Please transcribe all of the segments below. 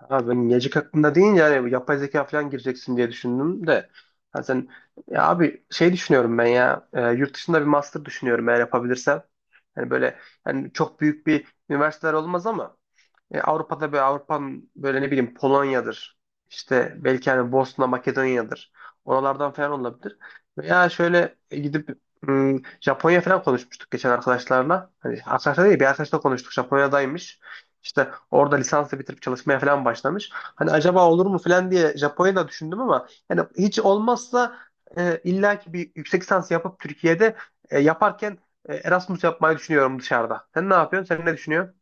Abi ben gelecek hakkında deyince yapay zeka falan gireceksin diye düşündüm de. Ha sen ya abi şey düşünüyorum ben ya yurt dışında bir master düşünüyorum eğer yapabilirsem. Hani böyle yani çok büyük bir üniversiteler olmaz ama Avrupa'da böyle Avrupa'nın böyle ne bileyim Polonya'dır. İşte belki hani Bosna, Makedonya'dır. Oralardan falan olabilir. Veya şöyle gidip Japonya falan konuşmuştuk geçen arkadaşlarla. Hani arkadaşlar değil bir arkadaşla konuştuk. Japonya'daymış. İşte orada lisansı bitirip çalışmaya falan başlamış. Hani acaba olur mu falan diye Japonya'da düşündüm ama yani hiç olmazsa illa ki bir yüksek lisans yapıp Türkiye'de yaparken Erasmus yapmayı düşünüyorum dışarıda. Sen ne yapıyorsun? Sen ne düşünüyorsun?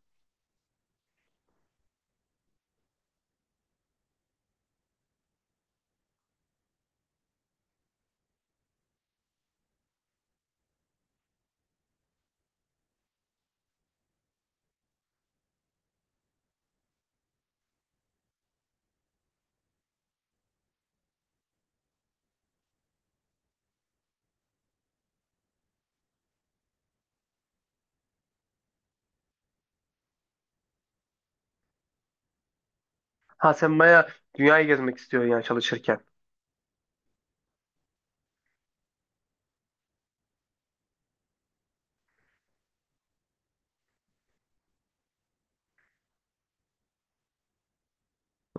Ha sen bayağı dünyayı gezmek istiyorsun yani çalışırken.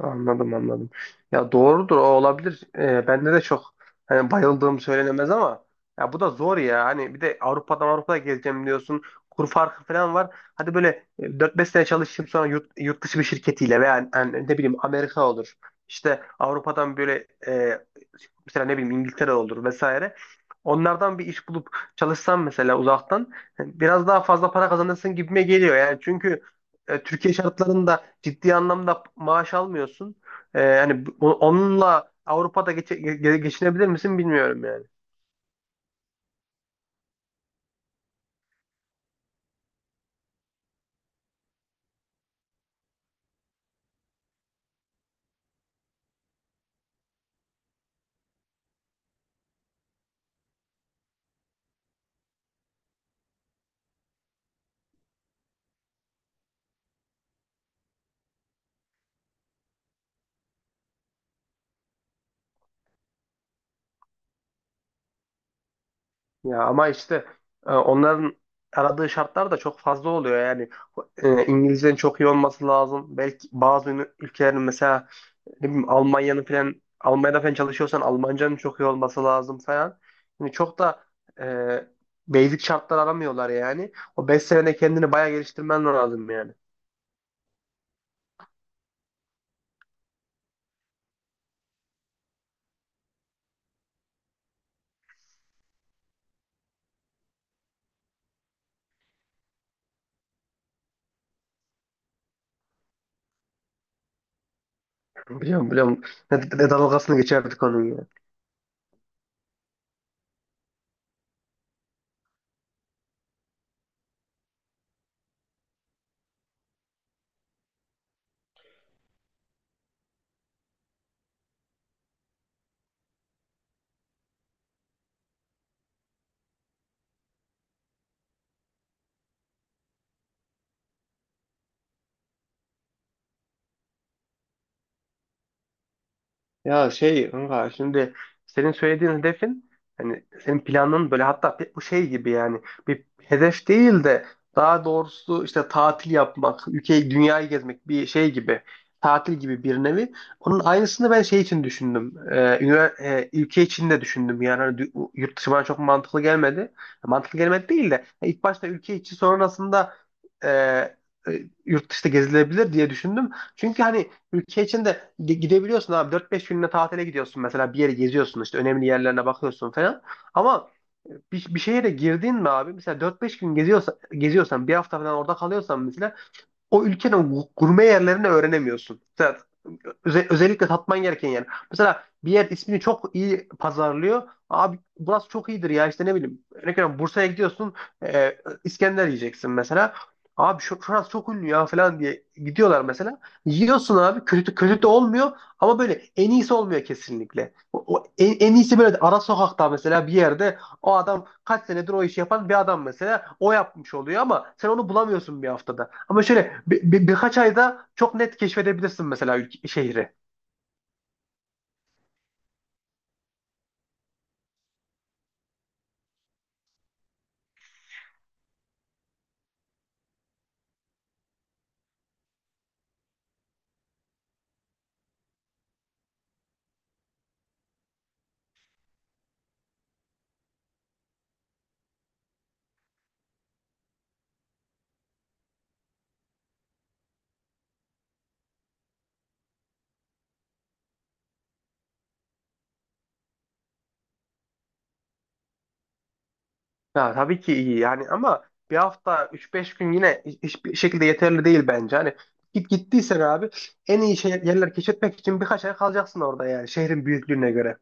Anladım anladım. Ya doğrudur o olabilir. Bende de çok hani bayıldığım söylenemez ama ya bu da zor ya. Hani bir de Avrupa'dan Avrupa'ya gezeceğim diyorsun. Kur farkı falan var. Hadi böyle 4-5 sene çalışayım sonra yurt dışı bir şirketiyle veya yani ne bileyim Amerika olur. İşte Avrupa'dan böyle mesela ne bileyim İngiltere olur vesaire. Onlardan bir iş bulup çalışsam mesela uzaktan biraz daha fazla para kazanırsın gibime geliyor yani. Çünkü Türkiye şartlarında ciddi anlamda maaş almıyorsun. Yani onunla Avrupa'da geçinebilir misin bilmiyorum yani. Ya ama işte onların aradığı şartlar da çok fazla oluyor yani. İngilizcenin çok iyi olması lazım. Belki bazı ülkelerin mesela ne bileyim Almanya'nın falan Almanya'da falan çalışıyorsan Almancanın çok iyi olması lazım falan. Yani çok da e, basic şartlar aramıyorlar yani. O 5 senede kendini bayağı geliştirmen lazım yani. Biliyorum biliyorum. Ne dalgasını geçerdik onun ya. Ya şey kanka şimdi senin söylediğin hedefin hani senin planın böyle hatta bu şey gibi yani bir hedef değil de daha doğrusu işte tatil yapmak, ülkeyi, dünyayı gezmek bir şey gibi tatil gibi bir nevi. Onun aynısını ben şey için düşündüm. Ülke için de düşündüm yani hani yurt dışı bana çok mantıklı gelmedi. Mantıklı gelmedi değil de hani ilk başta ülke içi sonrasında e, e, yurt dışında gezilebilir diye düşündüm. Çünkü hani ülke içinde gidebiliyorsun abi. Dört beş gününe tatile gidiyorsun mesela bir yere geziyorsun işte önemli yerlerine bakıyorsun falan. Ama bir şehre girdin mi abi mesela dört beş gün geziyorsan bir hafta falan orada kalıyorsan mesela o ülkenin gurme yerlerini öğrenemiyorsun. Mesela, özellikle tatman gereken yer. Mesela bir yer ismini çok iyi pazarlıyor. Abi burası çok iyidir ya işte ne bileyim. Örnek veriyorum Bursa'ya gidiyorsun e, İskender yiyeceksin mesela. Abi şurası çok ünlü ya falan diye gidiyorlar mesela. Yiyorsun abi kötü kötü de olmuyor ama böyle en iyisi olmuyor kesinlikle. En iyisi böyle ara sokakta mesela bir yerde o adam kaç senedir o işi yapan bir adam mesela. O yapmış oluyor ama sen onu bulamıyorsun bir haftada. Ama şöyle bir birkaç ayda çok net keşfedebilirsin mesela şehri. Ya, tabii ki iyi yani ama bir hafta üç beş gün yine hiçbir şekilde yeterli değil bence. Hani gittiysen abi en iyi yerler keşfetmek için birkaç ay kalacaksın orada yani şehrin büyüklüğüne göre.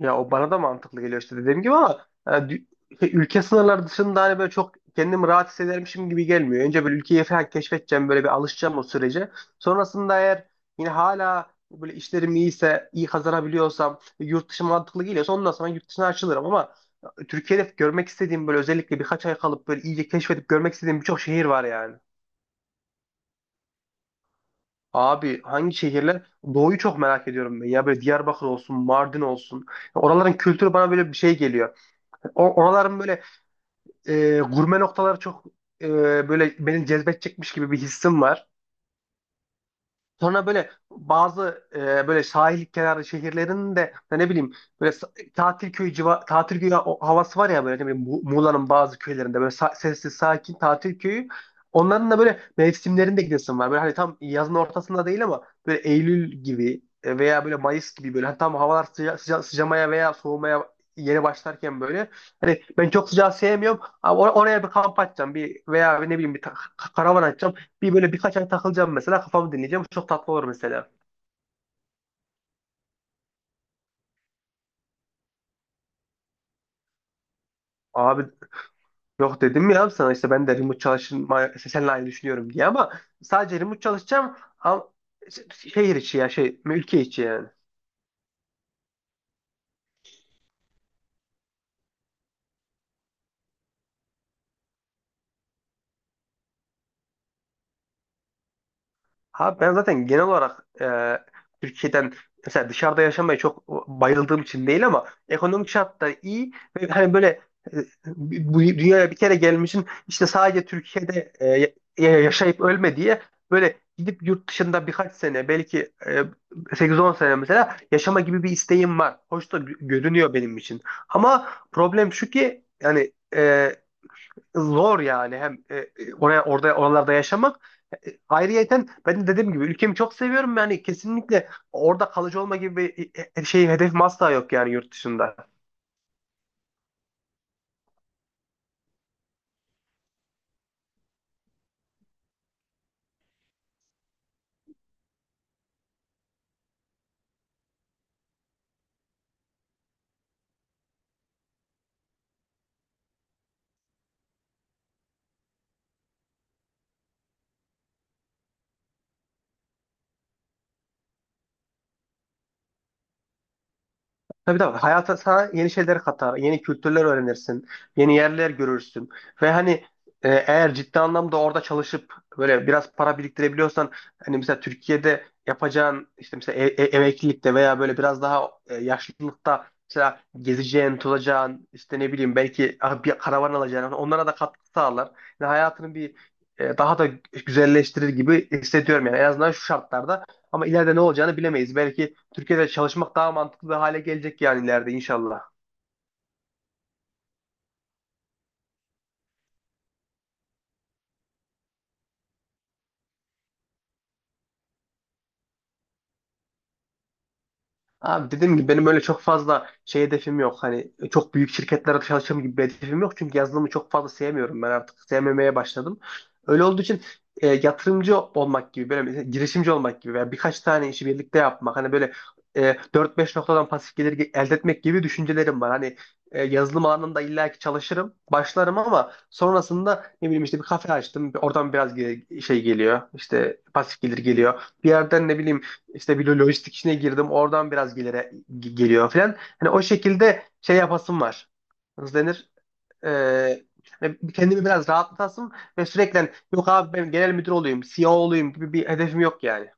Ya o bana da mantıklı geliyor işte dediğim gibi ama yani ülke sınırları dışında hani böyle çok kendimi rahat hissedermişim gibi gelmiyor. Önce böyle ülkeyi falan keşfedeceğim böyle bir alışacağım o sürece. Sonrasında eğer yine hala böyle işlerim iyiyse, iyi kazanabiliyorsam, yurt dışı mantıklı geliyorsa ondan sonra yurt dışına açılırım ama Türkiye'de görmek istediğim böyle özellikle birkaç ay kalıp böyle iyice keşfedip görmek istediğim birçok şehir var yani. Abi hangi şehirler? Doğu'yu çok merak ediyorum ben. Ya böyle Diyarbakır olsun, Mardin olsun. Oraların kültürü bana böyle bir şey geliyor. Oraların böyle gurme noktaları çok e, böyle beni cezbedecekmiş gibi bir hissim var. Sonra böyle bazı böyle sahil kenarı şehirlerin de ya ne bileyim böyle tatil köyü tatil köyü havası var ya böyle ne bileyim Muğla'nın bazı köylerinde böyle sessiz sakin tatil köyü. Onların da böyle mevsimlerinde gidesim var. Böyle hani tam yazın ortasında değil ama böyle Eylül gibi veya böyle Mayıs gibi böyle hani tam havalar sıcamaya veya soğumaya yeni başlarken böyle hani ben çok sıcağı sevmiyorum ama oraya bir kamp atacağım bir veya ne bileyim bir karavan atacağım. Bir böyle birkaç ay takılacağım mesela kafamı dinleyeceğim. Çok tatlı olur mesela. Abi yok dedim ya sana işte ben de remote çalışma işte seninle aynı düşünüyorum diye ama sadece remote çalışacağım ama şehir içi ya şey ülke içi yani. Abi ben zaten genel olarak Türkiye'den mesela dışarıda yaşamaya çok bayıldığım için değil ama ekonomik şartlar iyi ve hani böyle e, bu dünyaya bir kere gelmişsin işte sadece Türkiye'de yaşayıp ölme diye böyle gidip yurt dışında birkaç sene belki 8-10 sene mesela yaşama gibi bir isteğim var. Hoş da görünüyor benim için. Ama problem şu ki yani zor yani hem e, e, oraya orada oralarda yaşamak. E, ayrıyeten ben de dediğim gibi ülkemi çok seviyorum yani kesinlikle orada kalıcı olma gibi bir şey hedefim asla yok yani yurt dışında. Tabii tabii. Hayata sana yeni şeyler katar, yeni kültürler öğrenirsin, yeni yerler görürsün. Ve hani eğer ciddi anlamda orada çalışıp böyle biraz para biriktirebiliyorsan hani mesela Türkiye'de yapacağın işte mesela emeklilikte veya böyle biraz daha yaşlılıkta mesela gezeceğin, tozacağın işte ne bileyim belki bir karavan alacağın hani onlara da katkı sağlar. Yani hayatını bir daha da güzelleştirir gibi hissediyorum yani en azından şu şartlarda. Ama ileride ne olacağını bilemeyiz. Belki Türkiye'de çalışmak daha mantıklı bir hale gelecek yani ileride inşallah. Abi dediğim gibi benim öyle çok fazla şey hedefim yok. Hani çok büyük şirketlere çalışacağım gibi bir hedefim yok. Çünkü yazılımı çok fazla sevmiyorum. Ben artık sevmemeye başladım. Öyle olduğu için yatırımcı olmak gibi, böyle mesela girişimci olmak gibi veya birkaç tane işi birlikte yapmak. Hani böyle 4-5 noktadan pasif gelir elde etmek gibi düşüncelerim var. Hani yazılım alanında illaki çalışırım, başlarım ama sonrasında ne bileyim işte bir kafe açtım. Oradan biraz şey geliyor, işte pasif gelir geliyor. Bir yerden ne bileyim işte bir lojistik işine girdim. Oradan biraz geliyor falan. Hani o şekilde şey yapasım var. Nasıl denir? Ee, hani kendimi biraz rahatlatasım ve sürekli yok abi ben genel müdür olayım, CEO olayım gibi bir hedefim yok yani.